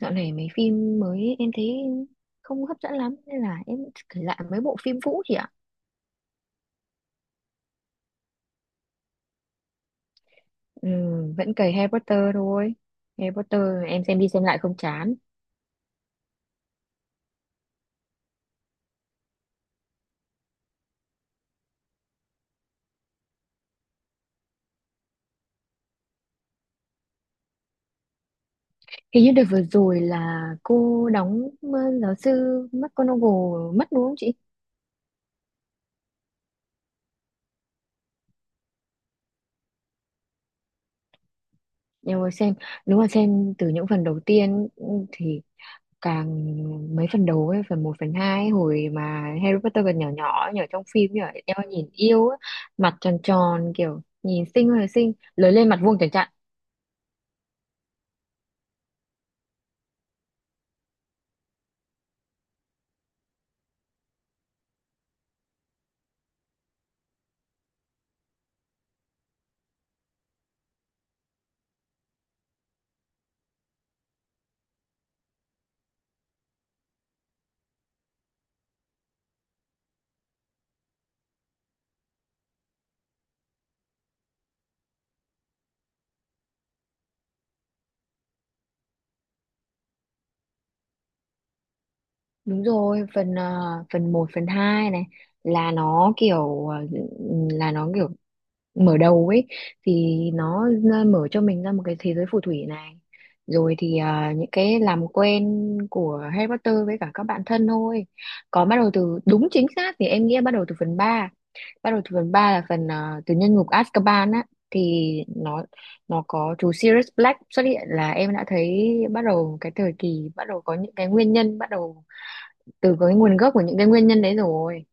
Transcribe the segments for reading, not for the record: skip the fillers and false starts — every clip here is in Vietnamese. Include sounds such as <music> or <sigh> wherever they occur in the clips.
Dạo này mấy phim mới em thấy không hấp dẫn lắm nên là em kể lại mấy bộ phim cũ chị ạ. Ừ, vẫn cày Harry Potter thôi. Harry Potter em xem đi xem lại không chán. Hình như đợt vừa rồi là cô đóng giáo sư McGonagall mất đúng không chị? Em vừa xem, đúng là xem từ những phần đầu tiên thì càng mấy phần đầu ấy, phần một phần 2 hồi mà Harry Potter còn nhỏ nhỏ nhỏ trong phim nhỉ, eo nhìn yêu á, mặt tròn tròn kiểu nhìn xinh ơi là xinh, lớn lên mặt vuông chẳng chặn. Đúng rồi, phần phần một phần 2 này là nó kiểu ờ, là nó kiểu mở đầu ấy, thì nó mở cho mình ra một cái thế giới phù thủy này, rồi thì những cái làm quen của Harry Potter với cả các bạn thân thôi. Còn bắt đầu từ đúng chính xác thì em nghĩ là bắt đầu từ phần ba, bắt đầu từ phần 3 là phần từ nhân ngục Azkaban á, thì nó có chú Sirius Black xuất hiện là em đã thấy bắt đầu cái thời kỳ, bắt đầu có những cái nguyên nhân, bắt đầu từ cái nguồn gốc của những cái nguyên nhân đấy rồi.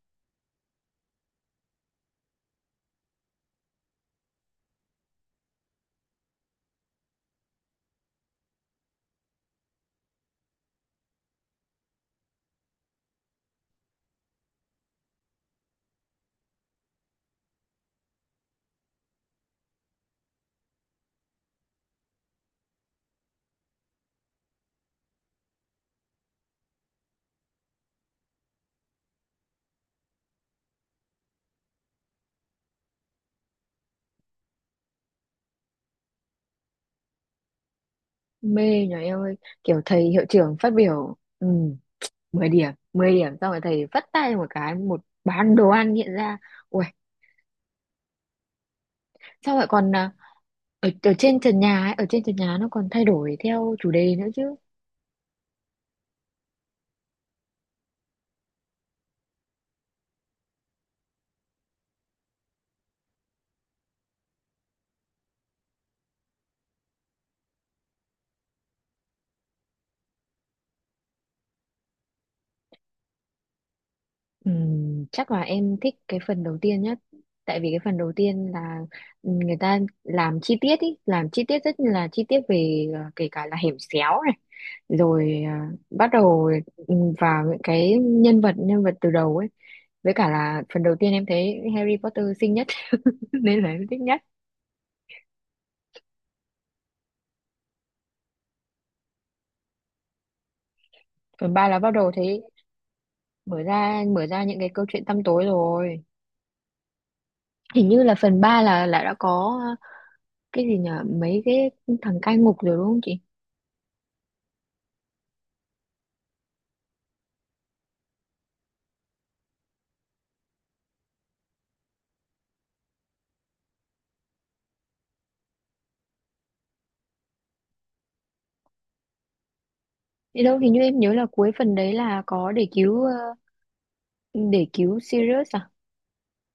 Mê nhờ em ơi, kiểu thầy hiệu trưởng phát biểu 10 điểm, 10 điểm, xong rồi thầy vắt tay một cái, một bán đồ ăn hiện ra, ui! Xong rồi còn ở trên trần nhà ấy, ở trên trần nhà nó còn thay đổi theo chủ đề nữa chứ. Chắc là em thích cái phần đầu tiên nhất, tại vì cái phần đầu tiên là người ta làm chi tiết, ý làm chi tiết rất là chi tiết về kể cả là hẻm xéo này, rồi bắt đầu ừ, vào những cái nhân vật, nhân vật từ đầu ấy, với cả là phần đầu tiên em thấy Harry Potter xinh nhất, <laughs> nên là em thích nhất. Phần 3 là bắt đầu thấy mở ra những cái câu chuyện tăm tối rồi, hình như là phần 3 là đã có cái gì nhở, mấy cái thằng cai ngục rồi đúng không chị? Thế đâu, hình như em nhớ là cuối phần đấy là có để cứu Sirius à,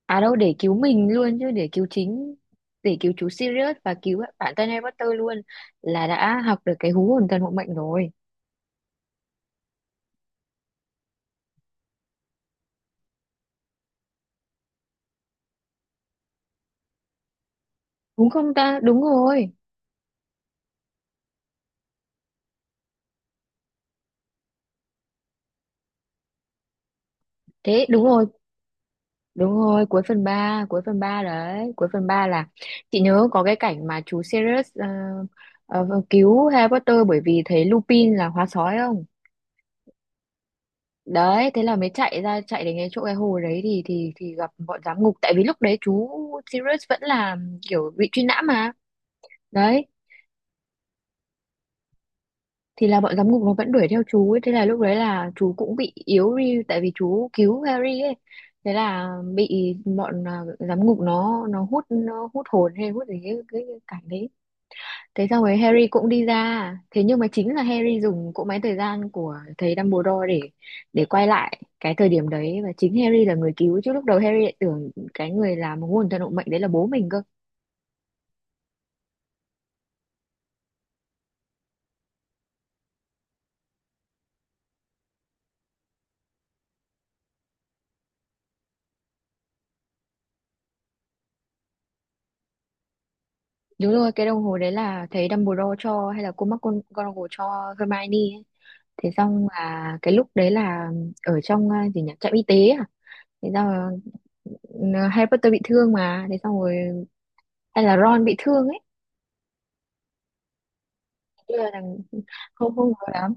à đâu, để cứu mình luôn chứ, để cứu chú Sirius và cứu bản thân Harry Potter luôn, là đã học được cái hú hồn thần hộ mệnh rồi, đúng không ta, đúng rồi. Thế đúng rồi. Đúng rồi, cuối phần ba đấy, cuối phần 3 là chị nhớ có cái cảnh mà chú Sirius vâng, cứu Harry Potter bởi vì thấy Lupin là hóa sói không? Đấy, thế là mới chạy ra, chạy đến cái chỗ cái hồ đấy thì gặp bọn giám ngục, tại vì lúc đấy chú Sirius vẫn là kiểu bị truy nã mà. Đấy, thì là bọn giám ngục nó vẫn đuổi theo chú ấy, thế là lúc đấy là chú cũng bị yếu đi tại vì chú cứu Harry ấy, thế là bị bọn giám ngục nó hút hồn, hay hút gì cái cảnh đấy. Thế xong rồi Harry cũng đi ra, thế nhưng mà chính là Harry dùng cỗ máy thời gian của thầy Dumbledore để quay lại cái thời điểm đấy, và chính Harry là người cứu chứ, lúc đầu Harry lại tưởng cái người làm nguồn thần hộ mệnh đấy là bố mình cơ. Đúng rồi, cái đồng hồ đấy là thầy Dumbledore cho hay là cô McGonagall cho Hermione ấy, thế xong là cái lúc đấy là ở trong gì nhỉ, trạm y tế à, thế xong là Harry Potter bị thương mà, thế xong rồi hay là Ron bị thương ấy? Thế là không, không nhớ lắm,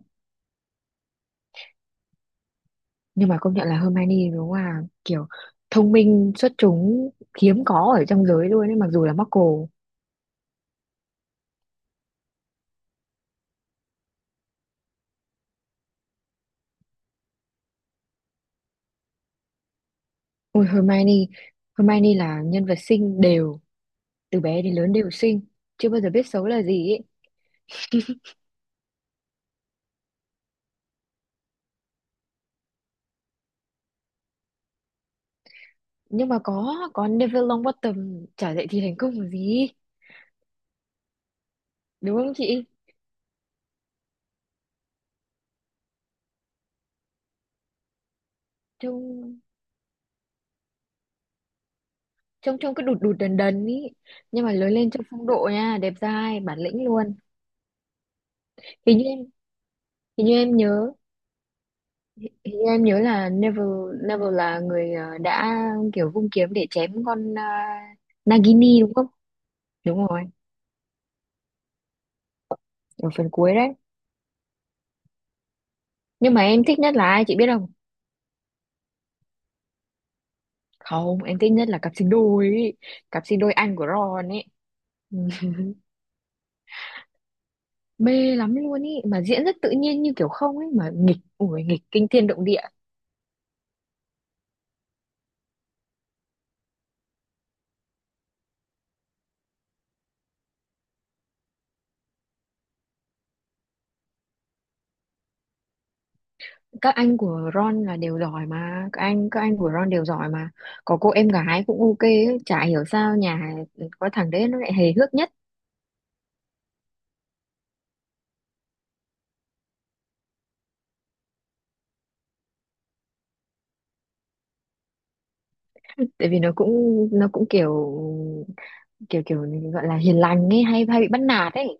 nhưng mà công nhận là Hermione đúng là kiểu thông minh xuất chúng, hiếm có ở trong giới luôn ấy, mặc dù là Muggle. Ôi Hermione Hermione là nhân vật xinh đều, từ bé đến lớn đều xinh, chưa bao giờ biết xấu là gì ấy. Nhưng mà có Neville Longbottom chả dạy thì thành công là gì, đúng không chị? Trông trông trông cứ đụt đụt đần đần ý, nhưng mà lớn lên trông phong độ nha, đẹp dai bản lĩnh luôn. hình như em hình như em nhớ Hình như em nhớ là Neville Neville là người đã kiểu vung kiếm để chém con Nagini đúng không, đúng rồi, ở phần cuối đấy. Nhưng mà em thích nhất là ai chị biết không? Không, em thích nhất là cặp sinh đôi ý, cặp sinh đôi anh của Ron ấy. Ừ. <laughs> Mê lắm luôn ý, mà diễn rất tự nhiên như kiểu không ấy, mà nghịch ủi nghịch kinh thiên động địa. Các anh của Ron là đều giỏi mà, các anh của Ron đều giỏi mà, có cô em gái cũng ok ấy. Chả hiểu sao nhà có thằng đấy nó lại hề hước nhất, tại vì nó cũng kiểu kiểu kiểu gọi là hiền lành ấy, hay hay bị bắt nạt ấy.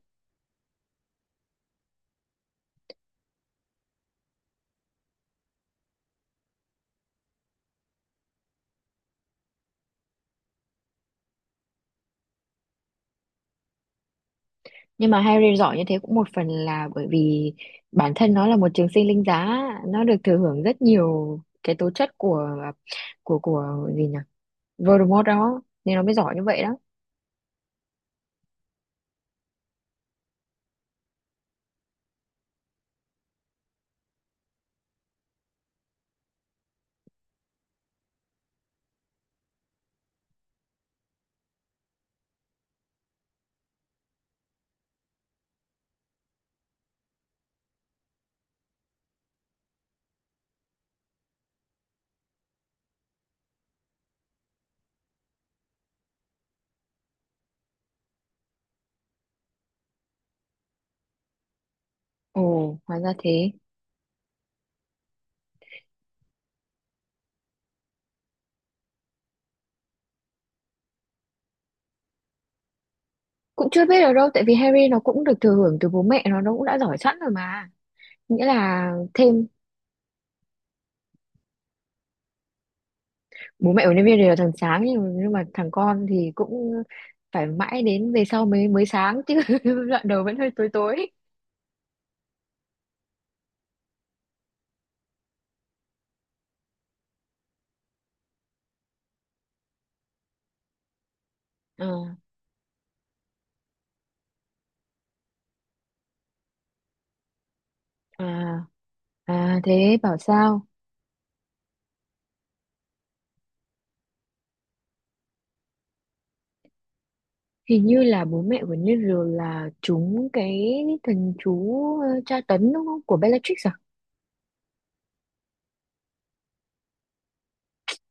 Nhưng mà Harry giỏi như thế cũng một phần là bởi vì bản thân nó là một trường sinh linh giá, nó được thừa hưởng rất nhiều cái tố chất của gì nhỉ, Voldemort đó, nên nó mới giỏi như vậy đó. Ồ, hóa ra thế. Cũng chưa biết được đâu, tại vì Harry nó cũng được thừa hưởng từ bố mẹ nó cũng đã giỏi sẵn rồi mà, nghĩa là thêm bố mẹ của nhân viên đều là thằng sáng, nhưng mà thằng con thì cũng phải mãi đến về sau mới mới sáng chứ, <laughs> đoạn đầu vẫn hơi tối tối. À, à, à thế bảo sao, hình như là bố mẹ của Neville là trúng cái thần chú tra tấn đúng không, của Bellatrix à?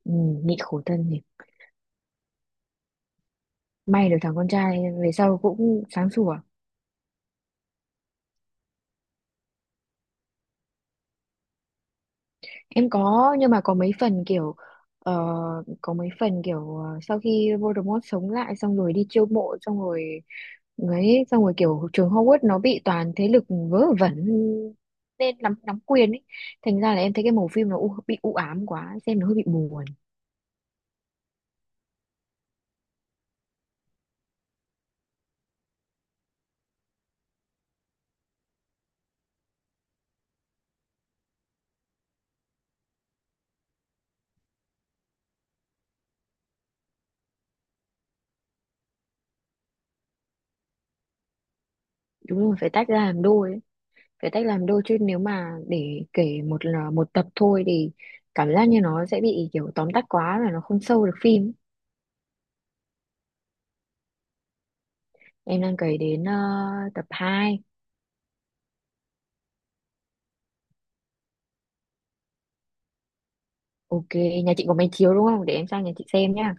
Ừ, nhịn khổ thân nhỉ. May được thằng con trai về sau cũng sáng sủa. Em có, nhưng mà ờ, có mấy phần kiểu sau khi Voldemort sống lại xong rồi đi chiêu mộ xong rồi ấy, xong rồi kiểu trường Hogwarts nó bị toàn thế lực vớ vẩn nên nắm nắm quyền ấy. Thành ra là em thấy cái màu phim nó bị u ám quá, xem nó hơi bị buồn. Đúng rồi, phải tách ra làm đôi ấy. Phải tách làm đôi chứ nếu mà để kể một là một tập thôi thì cảm giác như nó sẽ bị kiểu tóm tắt quá, là nó không sâu được phim. Em đang kể đến tập hai. Ok, nhà chị có máy chiếu đúng không? Để em sang nhà chị xem nhá.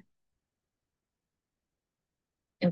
Ừ,